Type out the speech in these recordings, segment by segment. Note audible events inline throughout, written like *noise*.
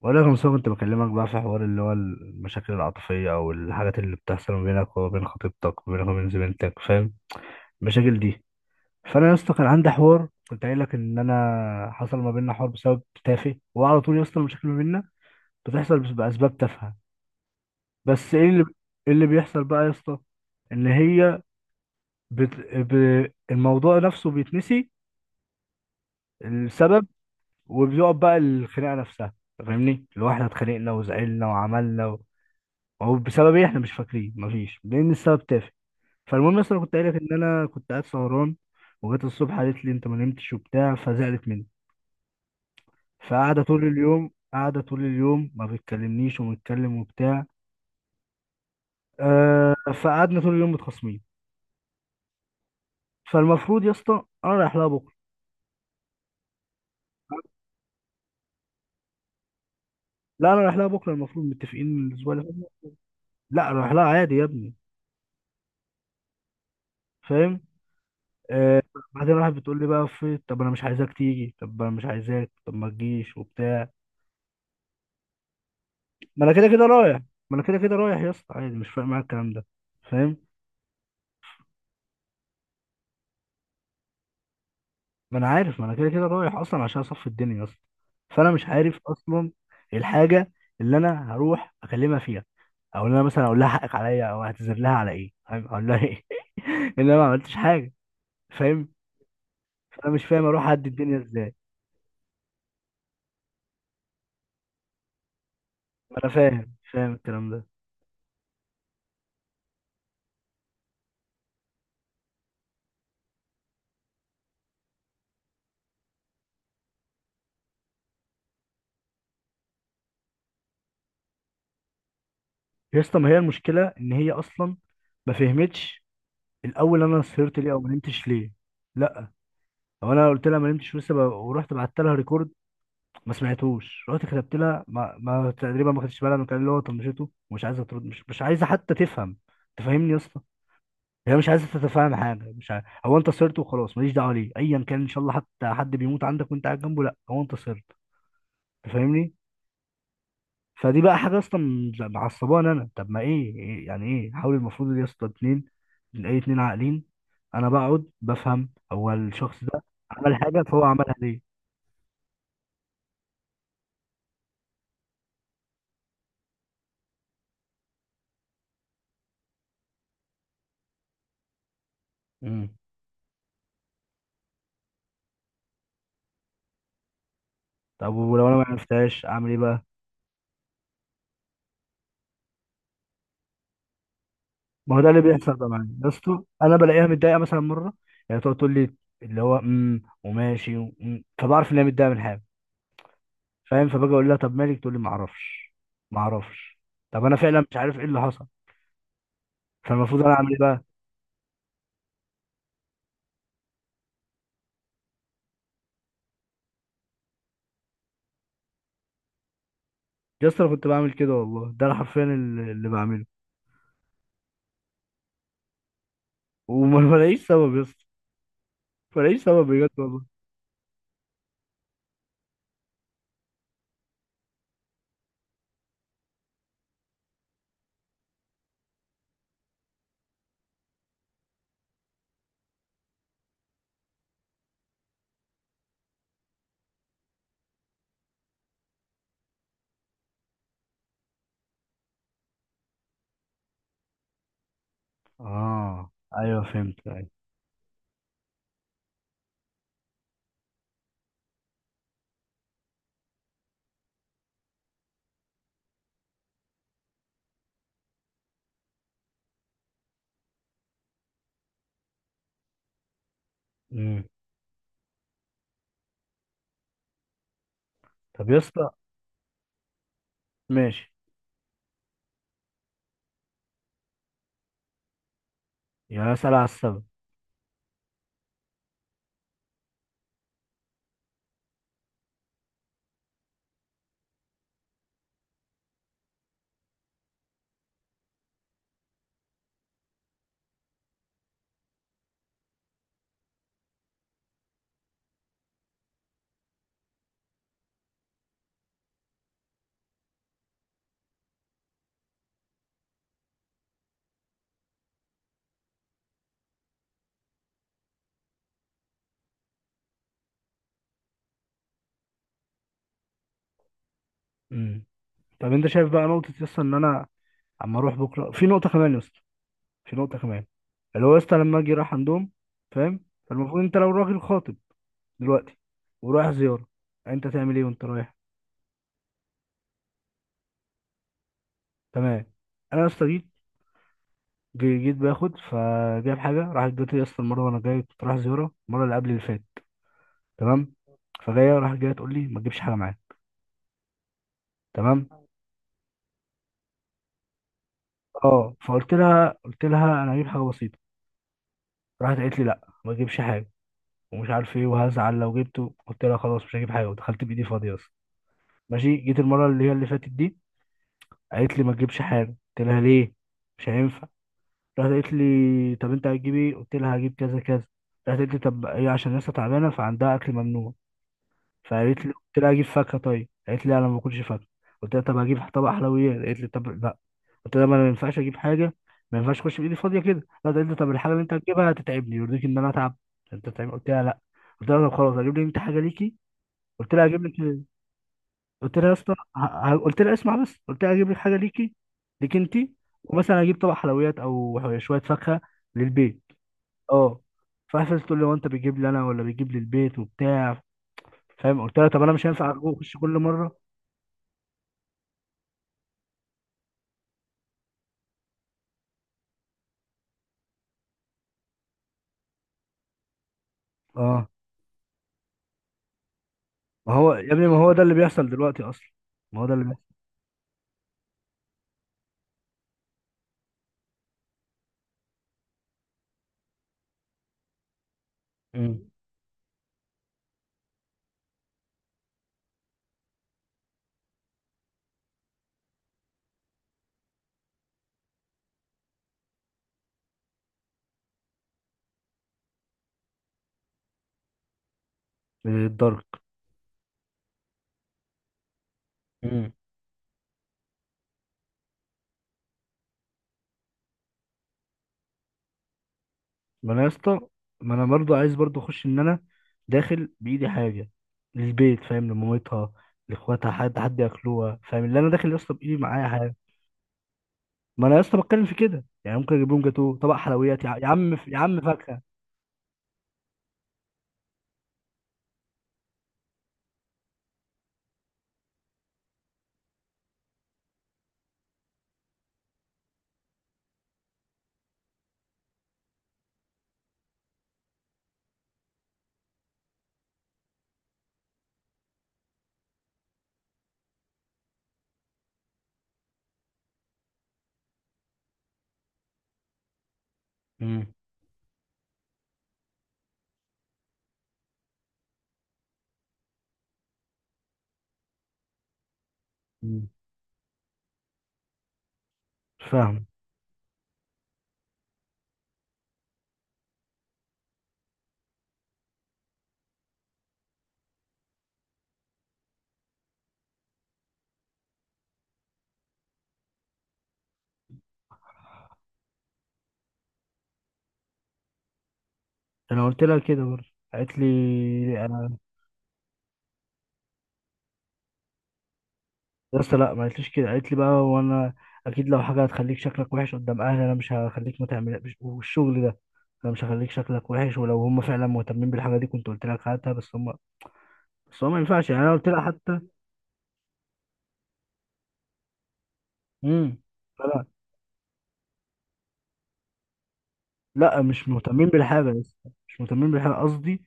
ولا كم سنة كنت بكلمك بقى في حوار اللي هو المشاكل العاطفية أو الحاجات اللي بتحصل ما بينك وما بين خطيبتك وما بينك وما بين زميلتك، فاهم المشاكل دي؟ فأنا يا اسطى كان عندي حوار كنت قايل لك إن أنا حصل ما بيننا حوار بسبب تافه، وعلى طول يا اسطى المشاكل ما بيننا بتحصل بأسباب تافهة. بس إيه اللي إيه اللي بيحصل بقى يا اسطى؟ إن هي الموضوع نفسه بيتنسي، السبب. وبيقعد بقى الخناقة نفسها، فاهمني؟ اللي هو احنا اتخانقنا وزعلنا وعملنا هو بسبب ايه، احنا مش فاكرين، مفيش، لان السبب تافه. فالمهم اصلا كنت قايل لك ان انا كنت قاعد سهران، وجت الصبح قالت لي انت ما نمتش وبتاع، فزعلت مني. فقاعده طول اليوم، قاعده طول اليوم ما بتكلمنيش ومتكلم وبتاع. آه. فقعدنا طول اليوم متخاصمين. فالمفروض يا اسطى انا رايح لها بكره. لا، انا رايح لها بكره المفروض، متفقين من الاسبوع اللي فات. لا، رايح لها عادي يا ابني. فاهم. آه. بعدين راحت بتقول لي بقى، في طب انا مش عايزاك تيجي، طب انا مش عايزاك، طب ما تجيش وبتاع. ما انا كده كده رايح. ما انا كده كده رايح يا اسطى عادي، مش فارق معايا الكلام ده، فاهم. ما انا عارف، ما انا كده كده رايح اصلا عشان اصفي الدنيا يا اسطى. فانا مش عارف اصلا الحاجه اللي انا هروح اكلمها فيها، او ان انا مثلا اقول لها حقك عليا او اعتذر لها على ايه، فاهم؟ اقول لها ايه *laughs* ان انا ما عملتش حاجه، فاهم؟ فانا مش فاهم اروح اعدي الدنيا ازاي. ما انا فاهم فاهم الكلام ده. يا اسطى ما هي المشكله ان هي اصلا ما فهمتش الاول انا سهرت ليه او ما نمتش ليه. لا، هو انا قلت لها ما نمتش لسه ورحت بعت لها ريكورد ما سمعتوش، رحت كتبت لها، ما تقريبا ما خدتش بالها من الكلام، اللي هو طنشته ومش عايزه ترد، مش عايزه حتى تفهم، تفهمني يا اسطى؟ هي مش عايزه تتفهم حاجه، مش عايز... هو انت صرت وخلاص، ماليش دعوه ليه، ايا كان ان شاء الله حتى حد بيموت عندك وانت قاعد جنبه، لا هو انت صرت، تفهمني؟ فدي بقى حاجه اصلا معصبانه انا. طب ما ايه، يعني ايه، حاول، المفروض يا اسطى اتنين، اي اتنين عاقلين، انا بقعد بفهم هو الشخص ده عمل حاجه، فهو عملها ليه. مم. طب ولو انا ما عرفتهاش اعمل ايه بقى؟ ما هو ده اللي بيحصل بقى معايا يا اسطى، انا بلاقيها متضايقه مثلا مره، يعني تقعد تقول لي اللي هو وماشي ومم، فبعرف ان هي متضايقه من حاجه، فاهم. فباجي اقول لها طب مالك، تقول لي ما اعرفش، ما اعرفش. طب انا فعلا مش عارف ايه اللي حصل، فالمفروض انا اعمل ايه بقى؟ يا اسطى انا كنت بعمل كده والله، ده انا حرفيا اللي بعمله، وما *laughs* بلاقيش سبب يا اسطى، ما بلاقيش سبب بجد والله. اه. ايوه فهمت، ايوه. امم. طب يا اسطى. ماشي. يعني اسال على السبب. امم. طب انت شايف بقى نقطه يا اسطى ان انا اما اروح بكره، في نقطه كمان يا اسطى، في نقطه كمان. اللي هو يا اسطى لما اجي رايح عندهم، فاهم، فالمفروض انت لو راجل خاطب دلوقتي ورايح زياره، انت تعمل ايه وانت رايح؟ تمام. انا يا اسطى جيت، جيت باخد، فجايب حاجه، راحت جت يا اسطى المره، وانا جاي كنت رايح زياره المره اللي قبل اللي فاتت، تمام. فجايه راحت جايه تقول لي ما تجيبش حاجه معايا. تمام. اه. فقلت لها قلت لها انا هجيب حاجه بسيطه، راحت قالت لي لا ما تجيبش حاجه ومش عارف ايه وهزعل لو جبته، قلت لها خلاص مش هجيب حاجه، ودخلت بايدي فاضيه. ماشي. جيت المره اللي هي اللي فاتت دي، قالت لي ما تجيبش حاجه، قلت لها ليه، مش هينفع. راحت قالت لي طب انت هتجيب ايه، قلت لها هجيب كذا كذا، راحت قالت لي طب هي عشان لسه تعبانه فعندها اكل ممنوع، فقالت لي قلت لها هجيب فاكهه، طيب قالت لي انا ما باكلش فاكهه، قلت لها طب هجيب طبق حلويات، قالت لي طب لا. قلت لها ما انا ما ينفعش اجيب حاجه، ما ينفعش اخش بايدي فاضيه كده. راحت قالت لي طب الحاجه اللي انت هتجيبها هتتعبني، يرضيك ان انا اتعب انت تعبان؟ قلت لها لا، قلت لها طب خلاص هجيب لي انت حاجه ليكي، قلت لها هجيب لك، قلت لها يا اسطى، قلت لها اسمع بس، قلت لها اجيب لك حاجه ليكي، ليك انت، ومثلا اجيب طبق حلويات او شويه فاكهه للبيت. اه. فقفلت تقول لي هو انت بتجيب لي انا ولا بتجيب للبيت وبتاع، فاهم. قلت لها طب انا مش هينفع اخش كل مره. اه. ما هو يا ابني، ما هو ده اللي بيحصل دلوقتي اصلا، ما هو ده اللي بيحصل. امم. الضرب. امم. ما انا يا اسطى ما انا برضو عايز، برضو اخش ان انا داخل بايدي حاجه للبيت، فاهم، لمامتها، لاخواتها، حد حد ياكلوها، فاهم، اللي انا داخل يا اسطى بايدي معايا حاجه. ما انا لسه بتكلم في كده، يعني ممكن اجيب لهم جاتوه، طبق حلويات، يا عم يا عم فاكهه. مم. مم. فاهم. انا قلت لها كده برضه، قالت لي انا لسه، لا ما قالتليش كده، قالت لي بقى وانا اكيد لو حاجه هتخليك شكلك وحش قدام اهلي انا مش هخليك ما تعمل والشغل ده، انا مش هخليك شكلك وحش، ولو هم فعلا مهتمين بالحاجه دي كنت قلت لك هاتها، بس هم، ما ينفعش يعني، انا قلت لها حتى. مم. لا لا، مش مهتمين بالحاجه لسه، مش مهتمين بالحاجه قصدي،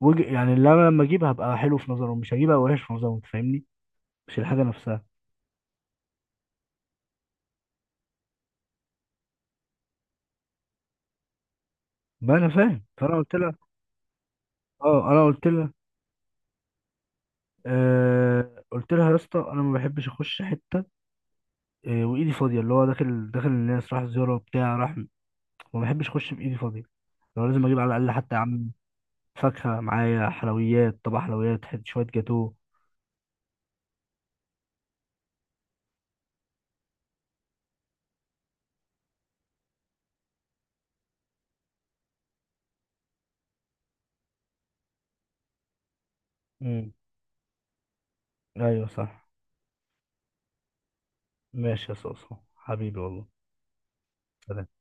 يعني اللي انا لما اجيبها هبقى حلو في نظرهم، مش هجيبها وحش في نظرهم، انت فاهمني، مش الحاجه نفسها. ما انا فاهم، فانا قلت لها. اه انا قلت لها قلت لها يا اسطى انا ما بحبش اخش حته وايدي فاضيه، اللي هو داخل داخل الناس راح زياره وبتاع، راح ما بحبش اخش بايدي فاضيه، لو لازم اجيب على الاقل حتى يا عم فاكهه معايا، حلويات، طبق حلويات، شويه جاتوه. امم. ايوه صح. ماشي يا صوصو حبيبي والله. سلام.